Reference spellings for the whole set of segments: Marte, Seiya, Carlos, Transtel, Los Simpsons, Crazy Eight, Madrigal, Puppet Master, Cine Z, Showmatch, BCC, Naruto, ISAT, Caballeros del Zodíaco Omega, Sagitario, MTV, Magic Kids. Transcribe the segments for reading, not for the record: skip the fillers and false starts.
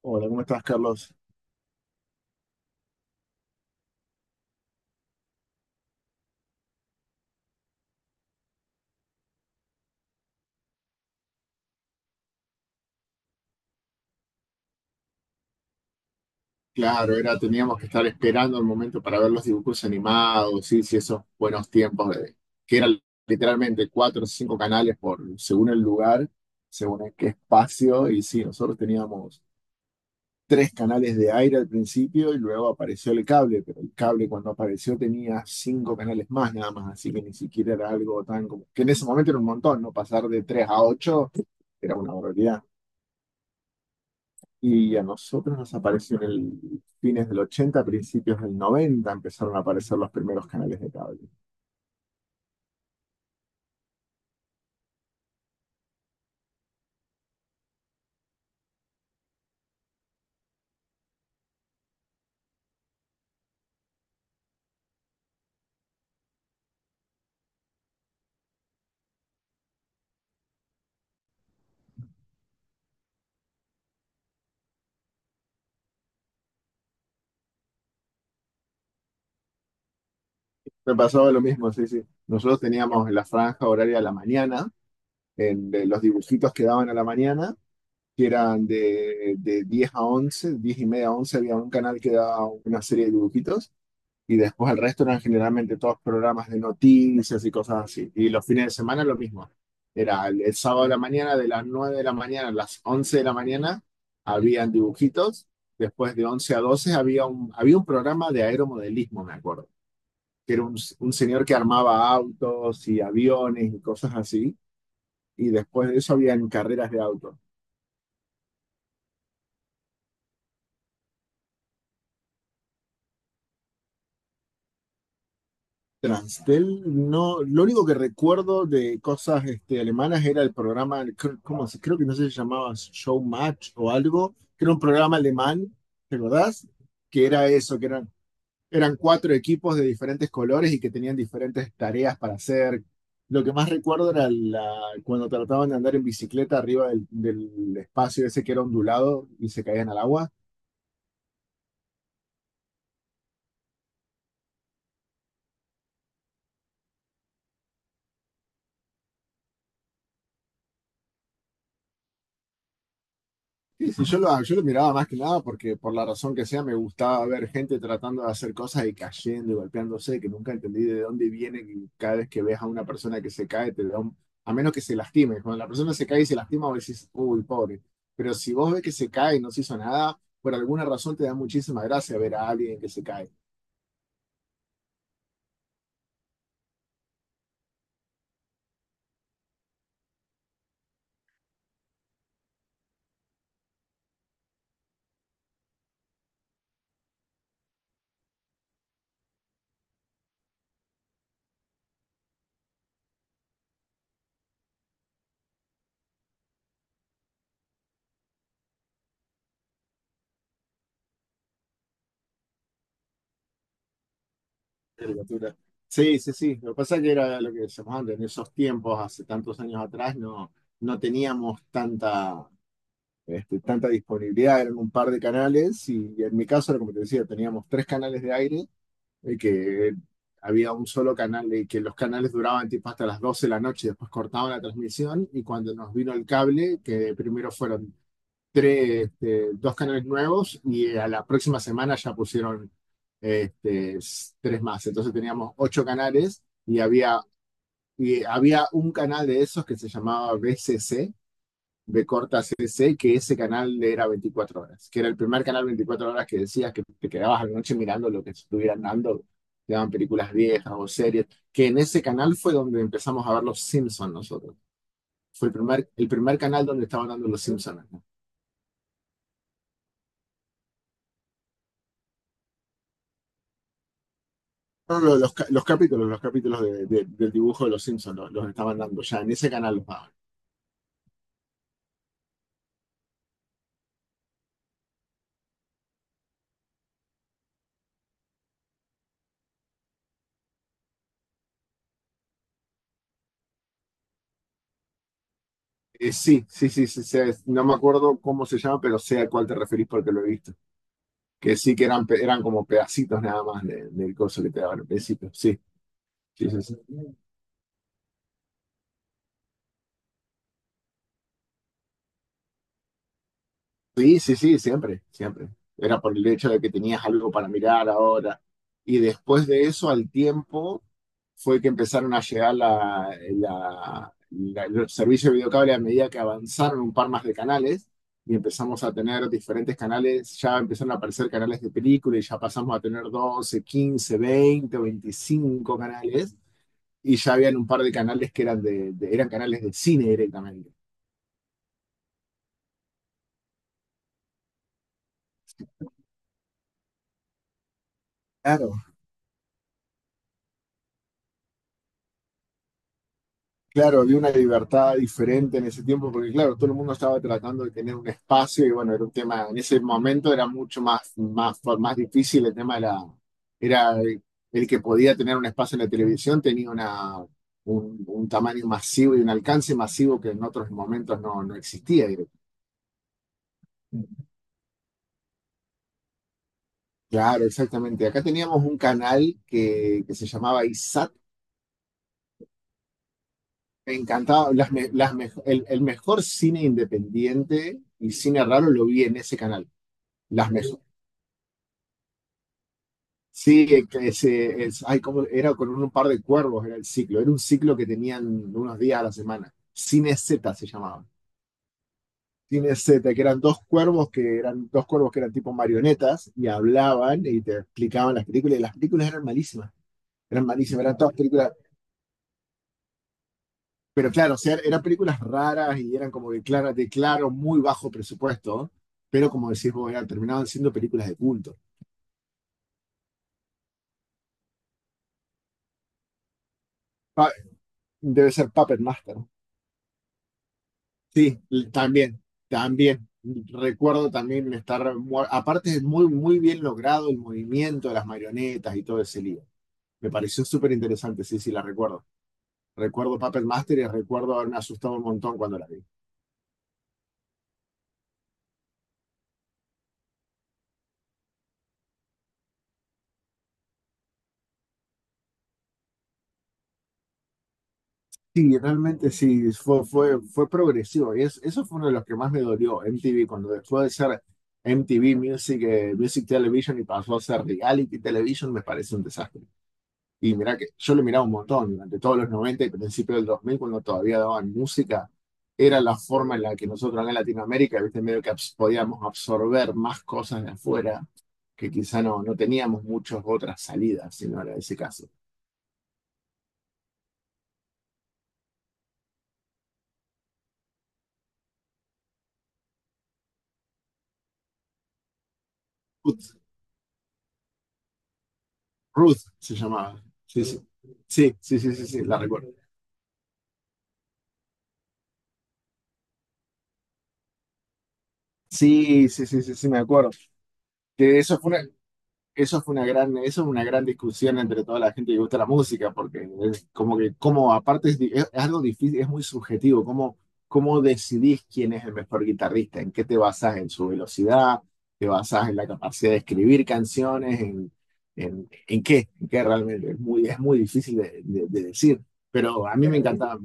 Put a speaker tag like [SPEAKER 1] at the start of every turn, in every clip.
[SPEAKER 1] Hola, ¿cómo estás, Carlos? Claro, teníamos que estar esperando el momento para ver los dibujos animados, sí, sí, esos buenos tiempos que eran literalmente cuatro o cinco canales según el lugar, según en qué espacio, y sí, nosotros teníamos tres canales de aire al principio y luego apareció el cable, pero el cable cuando apareció tenía cinco canales más nada más, así que ni siquiera era algo tan como, que en ese momento era un montón, ¿no? Pasar de tres a ocho era una barbaridad. Y a nosotros nos apareció en el fines del 80, principios del 90, empezaron a aparecer los primeros canales de cable. Me pasaba lo mismo, sí, sí. Nosotros teníamos la franja horaria de la mañana, de los dibujitos que daban a la mañana, que eran de 10 a 11, 10 y media a 11 había un canal que daba una serie de dibujitos. Y después el resto eran generalmente todos programas de noticias y cosas así. Y los fines de semana lo mismo. Era el sábado de la mañana, de las 9 de la mañana a las 11 de la mañana, habían dibujitos. Después de 11 a 12 había un programa de aeromodelismo, me acuerdo, que era un señor que armaba autos y aviones y cosas así. Y después de eso habían carreras de autos. Transtel, no, lo único que recuerdo de cosas este, alemanas era el programa, ¿cómo se? Creo que no sé si se llamaba Showmatch o algo, que era un programa alemán, ¿te acordás? Que era eso, que eran cuatro equipos de diferentes colores y que tenían diferentes tareas para hacer. Lo que más recuerdo era cuando trataban de andar en bicicleta arriba del espacio ese que era ondulado y se caían al agua. Sí, sí, yo lo miraba más que nada porque por la razón que sea me gustaba ver gente tratando de hacer cosas y cayendo y golpeándose, que nunca entendí de dónde viene que cada vez que ves a una persona que se cae, te da a menos que se lastime. Cuando la persona se cae y se lastima, vos decís, uy, pobre. Pero si vos ves que se cae y no se hizo nada, por alguna razón te da muchísima gracia ver a alguien que se cae. Caricatura. Sí, sí, sí. Lo que pasa es que era lo que decíamos antes, en esos tiempos, hace tantos años atrás, no, no teníamos tanta disponibilidad, eran un par de canales y en mi caso era como te decía, teníamos tres canales de aire y que había un solo canal y que los canales duraban tipo hasta las 12 de la noche, después cortaban la transmisión y cuando nos vino el cable, que primero fueron tres, dos canales nuevos y a la próxima semana ya pusieron este, tres más, entonces teníamos ocho canales y había un canal de esos que se llamaba BCC, de Corta C C, que ese canal era 24 horas, que era el primer canal 24 horas, que decías que te quedabas a la noche mirando lo que estuvieran dando, te daban películas viejas o series, que en ese canal fue donde empezamos a ver Los Simpsons nosotros. Fue el primer canal donde estaban dando Los Simpsons, ¿no? No, no, los capítulos del dibujo de Los Simpsons los estaban dando ya, en ese canal los daban. Sí, sí, sí, sí, no me acuerdo cómo se llama, pero sé a cuál te referís porque lo he visto. Que sí, que eran como pedacitos nada más del coso que te daban al principio. Sí, sí, sí, sí. Sí, sí, sí, siempre, siempre. Era por el hecho de que tenías algo para mirar ahora. Y después de eso, al tiempo, fue que empezaron a llegar los servicios de videocable a medida que avanzaron un par más de canales y empezamos a tener diferentes canales. Ya empezaron a aparecer canales de película y ya pasamos a tener 12, 15, 20 o 25 canales y ya habían un par de canales que eran, eran canales de cine directamente. Claro. Claro, había una libertad diferente en ese tiempo, porque claro, todo el mundo estaba tratando de tener un espacio y bueno, era un tema, en ese momento era mucho más, más, más difícil el tema era el que podía tener un espacio en la televisión, tenía un tamaño masivo y un alcance masivo que en otros momentos no, no existía. Claro, exactamente. Acá teníamos un canal que se llamaba ISAT. Me encantaba. El mejor cine independiente y cine raro lo vi en ese canal. Las mejores. Sí, que ese, es, ay, ¿cómo? Era con un par de cuervos, era el ciclo. Era un ciclo que tenían unos días a la semana. Cine Z se llamaba. Cine Z, que eran dos cuervos que eran tipo marionetas y hablaban y te explicaban las películas. Y las películas eran malísimas. Eran malísimas, eran todas películas. Pero claro, o sea, eran películas raras y eran como de muy bajo presupuesto, pero como decís vos, terminaban siendo películas de culto. Ah, debe ser Puppet Master. Sí, también, también. Recuerdo también estar, aparte es muy, muy bien logrado el movimiento de las marionetas y todo ese lío. Me pareció súper interesante, sí, sí, la recuerdo. Recuerdo Puppet Master y recuerdo haberme asustado un montón cuando la vi. Sí, realmente sí, fue progresivo. Y eso fue uno de los que más me dolió, MTV, cuando dejó de ser MTV Music, Music Television, y pasó a ser Reality Television, me parece un desastre. Y mira que yo lo miraba un montón durante todos los 90 y principios del 2000 cuando todavía daban música, era la forma en la que nosotros acá en Latinoamérica, viste, medio que podíamos absorber más cosas de afuera, que quizá no, no teníamos muchas otras salidas, si no era ese caso. Ruth se llamaba. Sí, sí. Sí, sí, sí, sí, sí, la recuerdo. Sí, sí, sí, sí, sí, me acuerdo. Que eso fue una gran discusión entre toda la gente que gusta la música, porque es como que, como aparte es, es algo difícil, es muy subjetivo, cómo decidís quién es el mejor guitarrista, en qué te basás, en su velocidad, te basás en la capacidad de escribir canciones, en qué realmente, es muy difícil de decir, pero a mí me encantaba,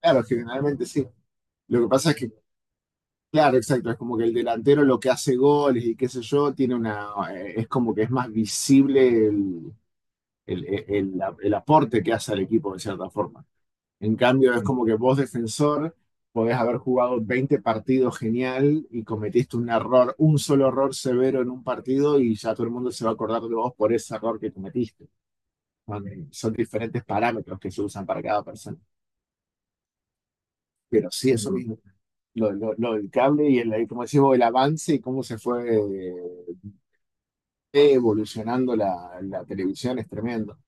[SPEAKER 1] claro, generalmente sí. Lo que pasa es que, claro, exacto, es como que el delantero lo que hace goles y qué sé yo, tiene una, es como que es más visible el aporte que hace al equipo de cierta forma. En cambio, es como que vos, defensor, podés haber jugado 20 partidos genial y cometiste un error, un solo error severo en un partido y ya todo el mundo se va a acordar de vos por ese error que cometiste. Son diferentes parámetros que se usan para cada persona. Pero sí, eso mismo. Lo del cable y el, como decimos, el avance y cómo se fue eh, evolucionando la televisión es tremendo.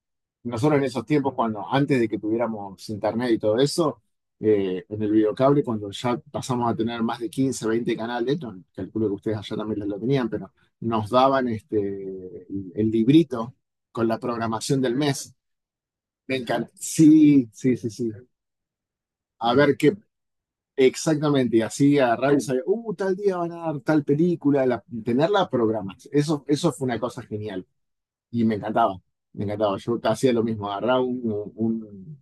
[SPEAKER 1] Nosotros en esos tiempos, cuando antes de que tuviéramos internet y todo eso, en el videocable, cuando ya pasamos a tener más de 15 o 20 canales, no, calculo que ustedes allá también lo tenían, pero nos daban el librito con la programación del mes. Me encanta. Sí, sí, sí, sí. A ver qué. Exactamente, y así agarrar y saber, tal día van a dar tal película, tenerla programas. Eso fue una cosa genial y me encantaba, me encantaba. Yo hacía lo mismo, agarraba un... un-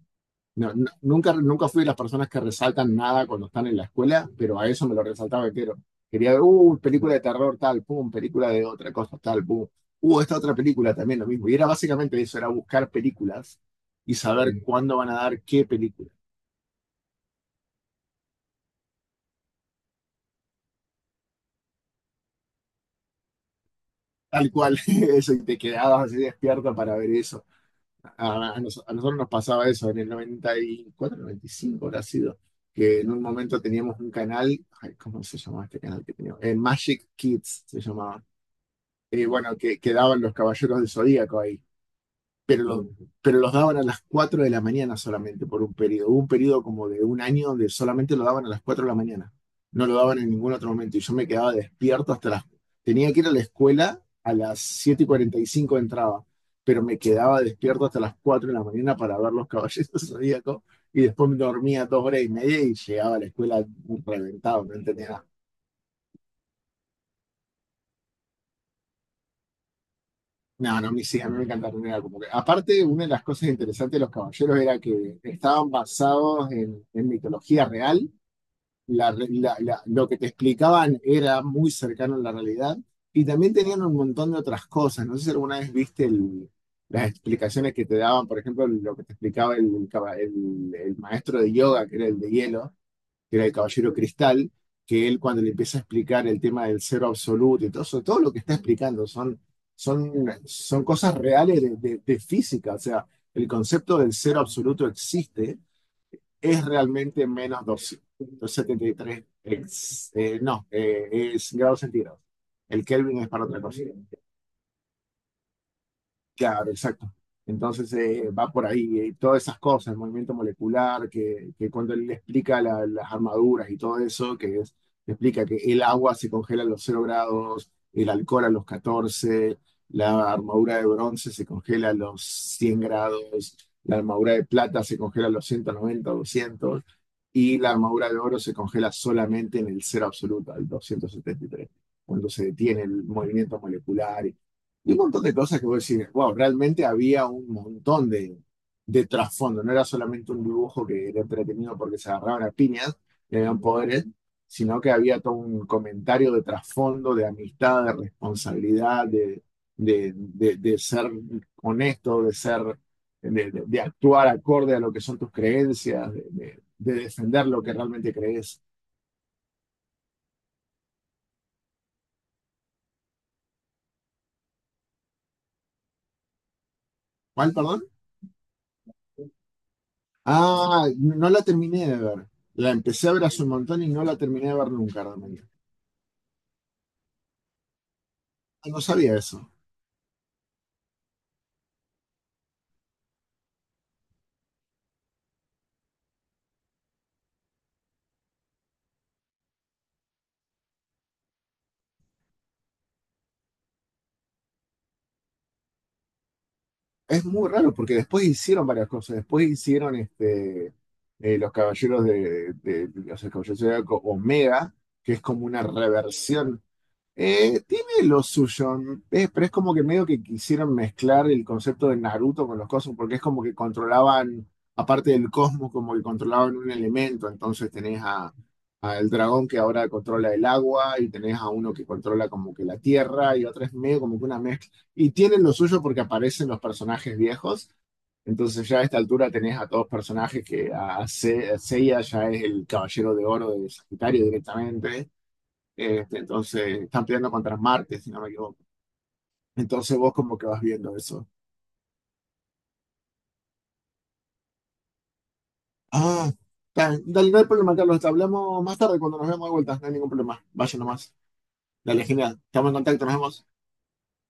[SPEAKER 1] no, no- nunca, nunca fui de las personas que resaltan nada cuando están en la escuela, pero a eso me lo resaltaba entero. Quería ver, película de terror tal, pum, película de otra cosa tal, pum, esta otra película también lo mismo. Y era básicamente eso, era buscar películas y saber cuándo van a dar qué película. Tal cual, eso, y te quedabas así despierto para ver eso. A nosotros nos pasaba eso en el 94, 95 habrá sido, que en un momento teníamos un canal, ay, ¿cómo se llamaba este canal que teníamos? Magic Kids se llamaba. Bueno, que daban los Caballeros del Zodíaco ahí, pero, los daban a las 4 de la mañana solamente por un periodo. Hubo un periodo como de un año donde solamente lo daban a las 4 de la mañana. No lo daban en ningún otro momento. Y yo me quedaba despierto hasta las. Tenía que ir a la escuela a las 7:45 entraba, pero me quedaba despierto hasta las 4 de la mañana para ver los caballeros zodíacos y después me dormía 2 horas y media y llegaba a la escuela reventado, no entendía. No, no, a mí sí, a mí me encantaron. Era como que, aparte, una de las cosas interesantes de los caballeros era que estaban basados en mitología real. La re- la- la- lo que te explicaban era muy cercano a la realidad. Y también tenían un montón de otras cosas. No sé si alguna vez viste las explicaciones que te daban, por ejemplo, lo que te explicaba el maestro de yoga, que era el de hielo, que era el Caballero Cristal, que él cuando le empieza a explicar el tema del cero absoluto y todo eso, todo lo que está explicando son, son cosas reales de física. O sea, el concepto del cero absoluto existe, es realmente menos 273, no, es grados centígrados. El Kelvin es para otra cosa. Claro, exacto. Entonces, va por ahí, todas esas cosas, el movimiento molecular, que cuando él le explica las armaduras y todo eso, le explica que el agua se congela a los 0 grados, el alcohol a los 14, la armadura de bronce se congela a los 100 grados, la armadura de plata se congela a los 190, 200, y la armadura de oro se congela solamente en el cero absoluto, al 273, cuando se detiene el movimiento molecular. Y un montón de cosas que vos decís, wow, realmente había un montón de trasfondo, no era solamente un dibujo que era entretenido porque se agarraban a piñas y habían poderes, sino que había todo un comentario de trasfondo, de amistad, de responsabilidad, de ser honesto, de ser, de actuar acorde a lo que son tus creencias, de defender lo que realmente crees. ¿Cuál, perdón? Ah, no la terminé de ver. La empecé a ver hace un montón y no la terminé de ver nunca realmente. Ah, no sabía eso. Es muy raro porque después hicieron varias cosas. Después hicieron este, los caballeros o sea, Caballeros del Zodíaco Omega, que es como una reversión. Tiene lo suyo. Eh, pero es como que medio que quisieron mezclar el concepto de Naruto con los cosmos, porque es como que controlaban, aparte del cosmos, como que controlaban un elemento. Entonces tenés a el dragón que ahora controla el agua, y tenés a uno que controla como que la tierra, y otra es medio como que una mezcla. Y tienen lo suyo porque aparecen los personajes viejos. Entonces ya a esta altura tenés a todos personajes que a Seiya ya es el caballero de oro de Sagitario directamente. Este, entonces, están peleando contra Marte, si no me equivoco. Entonces vos como que vas viendo eso. Ah, dale, no hay problema, Carlos. Te hablamos más tarde cuando nos vemos de vuelta. No hay ningún problema. Vaya nomás. Dale, genial. Estamos en contacto, nos vemos.